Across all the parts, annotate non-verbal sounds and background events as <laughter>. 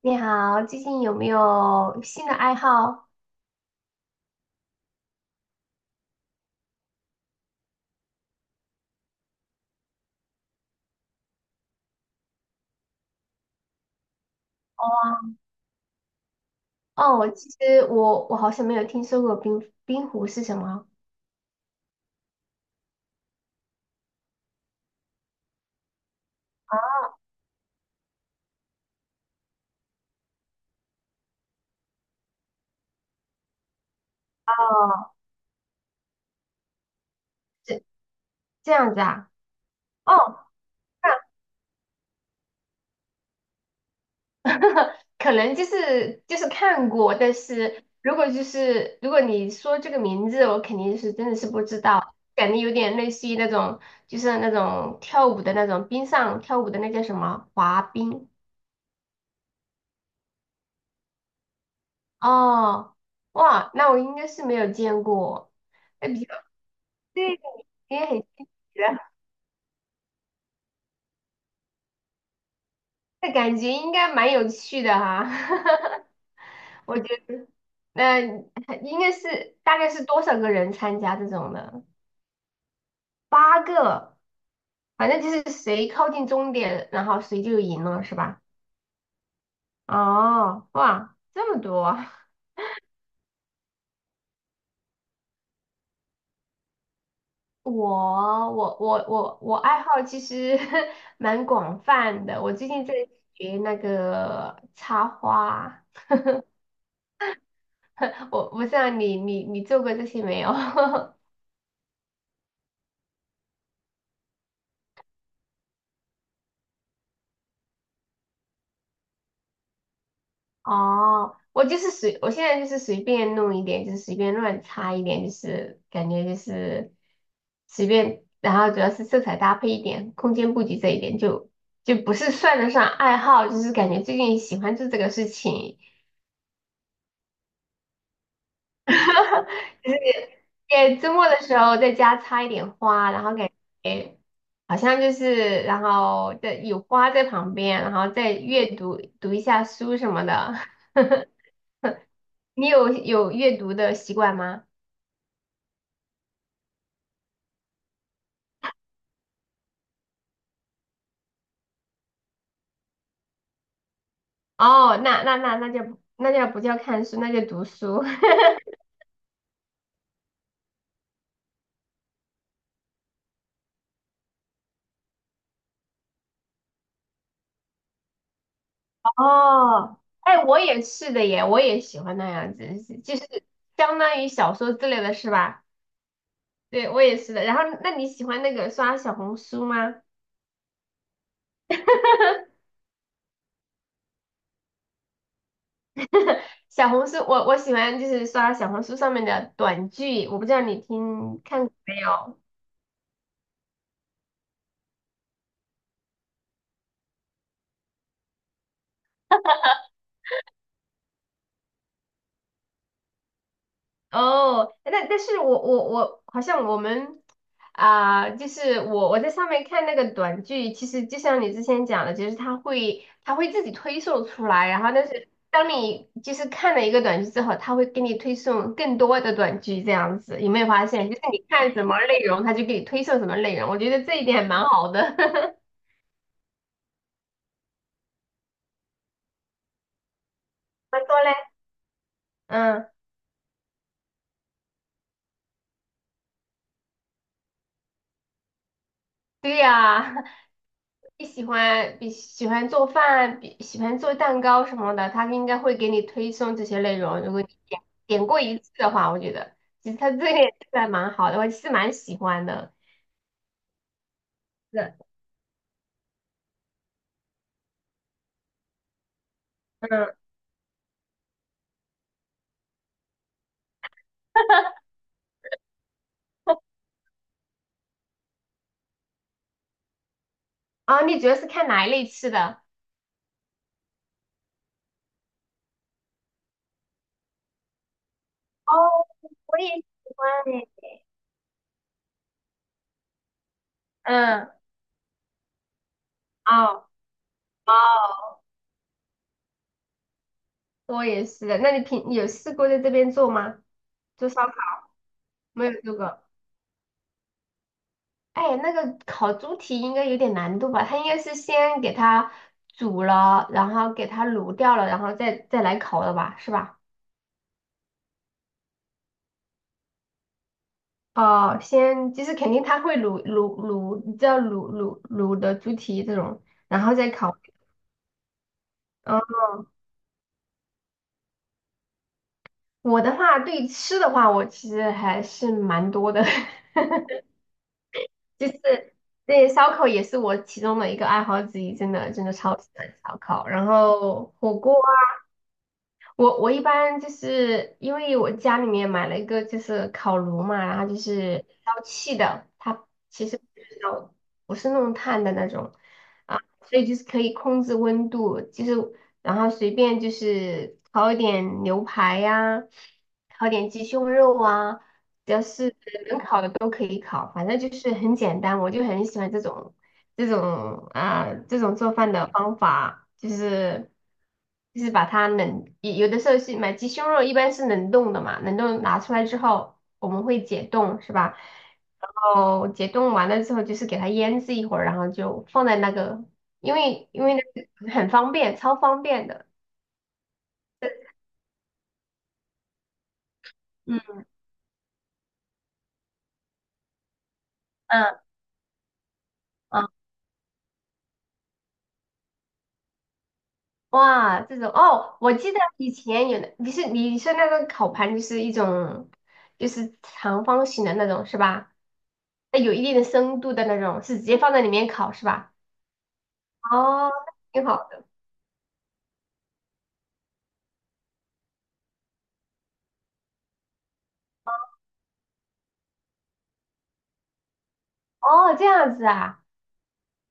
你好，最近有没有新的爱好？哦啊哦，其实我好像没有听说过冰壶是什么。哦，哦，这这样子啊？哦，那 <laughs> 可能就是看过，但是如果你说这个名字，我肯定是真的是不知道，感觉有点类似于那种就是那种跳舞的那种冰上跳舞的那叫什么滑冰？哦，哇，那我应该是没有见过。比。这对，也很新奇的，这感觉应该蛮有趣的哈。<laughs> 我觉得，那应该是大概是多少个人参加这种的？八个，反正就是谁靠近终点，然后谁就赢了，是吧？哦，哇，这么多！我爱好其实 <laughs> 蛮广泛的，我最近在学那个插花，我不知道你做过这些没有？<laughs> 哦，我就是随，我现在就是随便弄一点，就是随便乱插一点，就是感觉就是随便，然后主要是色彩搭配一点，空间布局这一点就不是算得上爱好，就是感觉最近喜欢做这个事情，<laughs> 就是也周末的时候在家插一点花，然后感觉好像就是然后在有花在旁边，然后再阅读读一下书什么的，<laughs> 你有阅读的习惯吗？哦，那就不叫看书，那就读书。<laughs> 哦，哎，我也是的耶，我也喜欢那样子，就是相当于小说之类的是吧？对，我也是的。然后，那你喜欢那个刷小红书吗？<laughs> 小红书，我喜欢就是刷小红书上面的短剧，我不知道你听看过没有？哦，那但是我好像我们啊、就是我在上面看那个短剧，其实就像你之前讲的，就是它会自己推送出来，然后但是当你就是看了一个短剧之后，它会给你推送更多的短剧，这样子有没有发现？就是你看什么内容，它就给你推送什么内容，我觉得这一点还蛮好的。<laughs> 他说嘞，嗯，对呀、你喜欢比喜欢做饭，比喜欢做蛋糕什么的，他应该会给你推送这些内容。如果你点点过一次的话，我觉得其实他这个也是还蛮好的，我是蛮喜欢的。是，嗯，<laughs> 啊，你主要是看哪一类吃的？哦，我也喜欢诶。嗯，哦，我也是的。那你平你有试过在这边做吗？做烧烤没有做过？哎，那个烤猪蹄应该有点难度吧？它应该是先给它煮了，然后给它卤掉了，然后再来烤的吧，是吧？哦，先就是肯定它会卤，你知道卤的猪蹄这种，然后再烤。嗯，我的话对吃的话，我其实还是蛮多的，<laughs> 就是对烧烤也是我其中的一个爱好之一，真的真的超级喜欢烧烤，然后火锅。啊。我一般就是因为我家里面买了一个就是烤炉嘛，然后就是烧气的，它其实不是烧不是弄炭的那种啊，所以就是可以控制温度，就是然后随便就是烤一点牛排呀、烤点鸡胸肉啊，只要是都可以烤，反正就是很简单，我就很喜欢这种做饭的方法，就是就是把它冷，有的时候是买鸡胸肉，一般是冷冻的嘛，冷冻拿出来之后我们会解冻，是吧？然后解冻完了之后就是给它腌制一会儿，然后就放在那个，因为那个很方便，超方便的。嗯嗯嗯。哇，这种哦，我记得以前有的，你是你说那个烤盘就是一种，就是长方形的那种是吧？那有一定的深度的那种，是直接放在里面烤是吧？哦，挺好的。哦，这样子啊。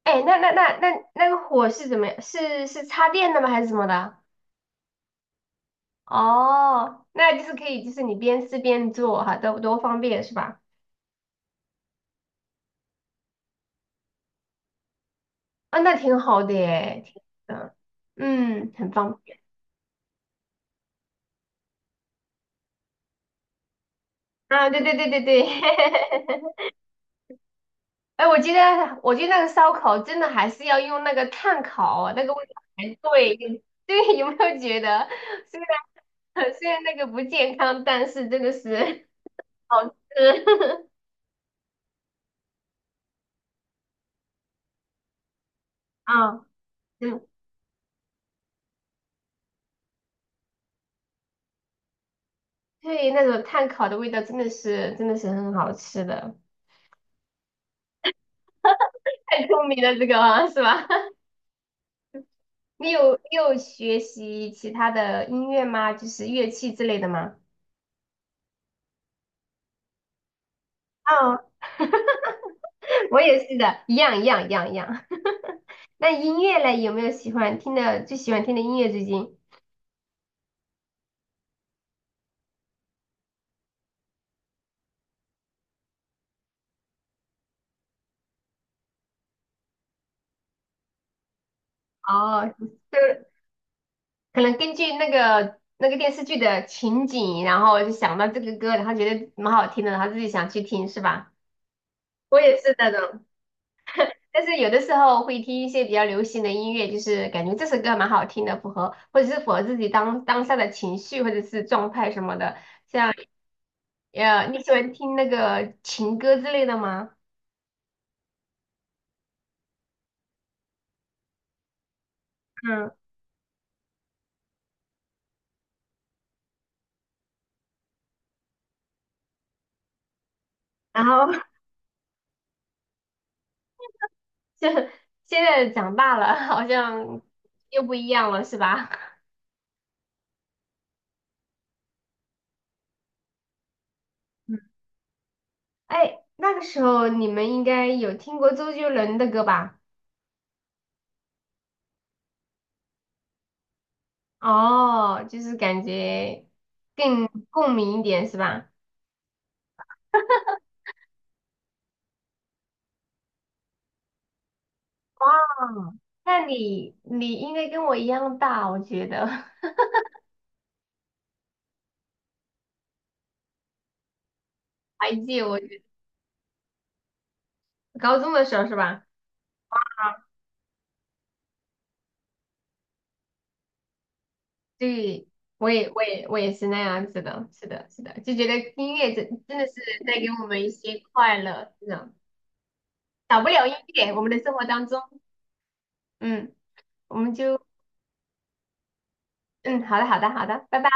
哎，那那个火是怎么样？是是插电的吗？还是什么的？哦，那就是可以，就是你边吃边做哈，多多方便是吧？啊、那挺好的耶，挺好的，嗯，很方便。啊，对。<laughs> 哎，我觉得那个烧烤真的还是要用那个炭烤，那个味道才对。<laughs> 对，有没有觉得，虽然 <laughs> 虽然那个不健康，但是真的是好吃。<laughs> 啊，嗯，对，那种炭烤的味道真的是真的是很好吃的。<laughs> 太聪明了，这个啊是吧？<laughs> 你有学习其他的音乐吗？就是乐器之类的吗？哦，<laughs> 我也是的，一样。<laughs> 那音乐嘞，有没有喜欢听的最喜欢听的音乐？最近？哦，就是可能根据那个电视剧的情景，然后就想到这个歌，然后觉得蛮好听的，然后自己想去听，是吧？我也是那种，但是有的时候会听一些比较流行的音乐，就是感觉这首歌蛮好听的，符合或者是符合自己当当下的情绪或者是状态什么的。像你喜欢听那个情歌之类的吗？嗯，然后 <laughs> 就现在长大了，好像又不一样了，是吧？<laughs> 哎，那个时候你们应该有听过周杰伦的歌吧？哦，就是感觉更共鸣一点是吧？哇，那你你应该跟我一样大，我觉得 <laughs> 还记得，我高中的时候是吧？对，我也是那样子的，是的，是的，就觉得音乐真真的是带给我们一些快乐，是的，少不了音乐，我们的生活当中，嗯，我们就嗯，好的，好的，好的，拜拜。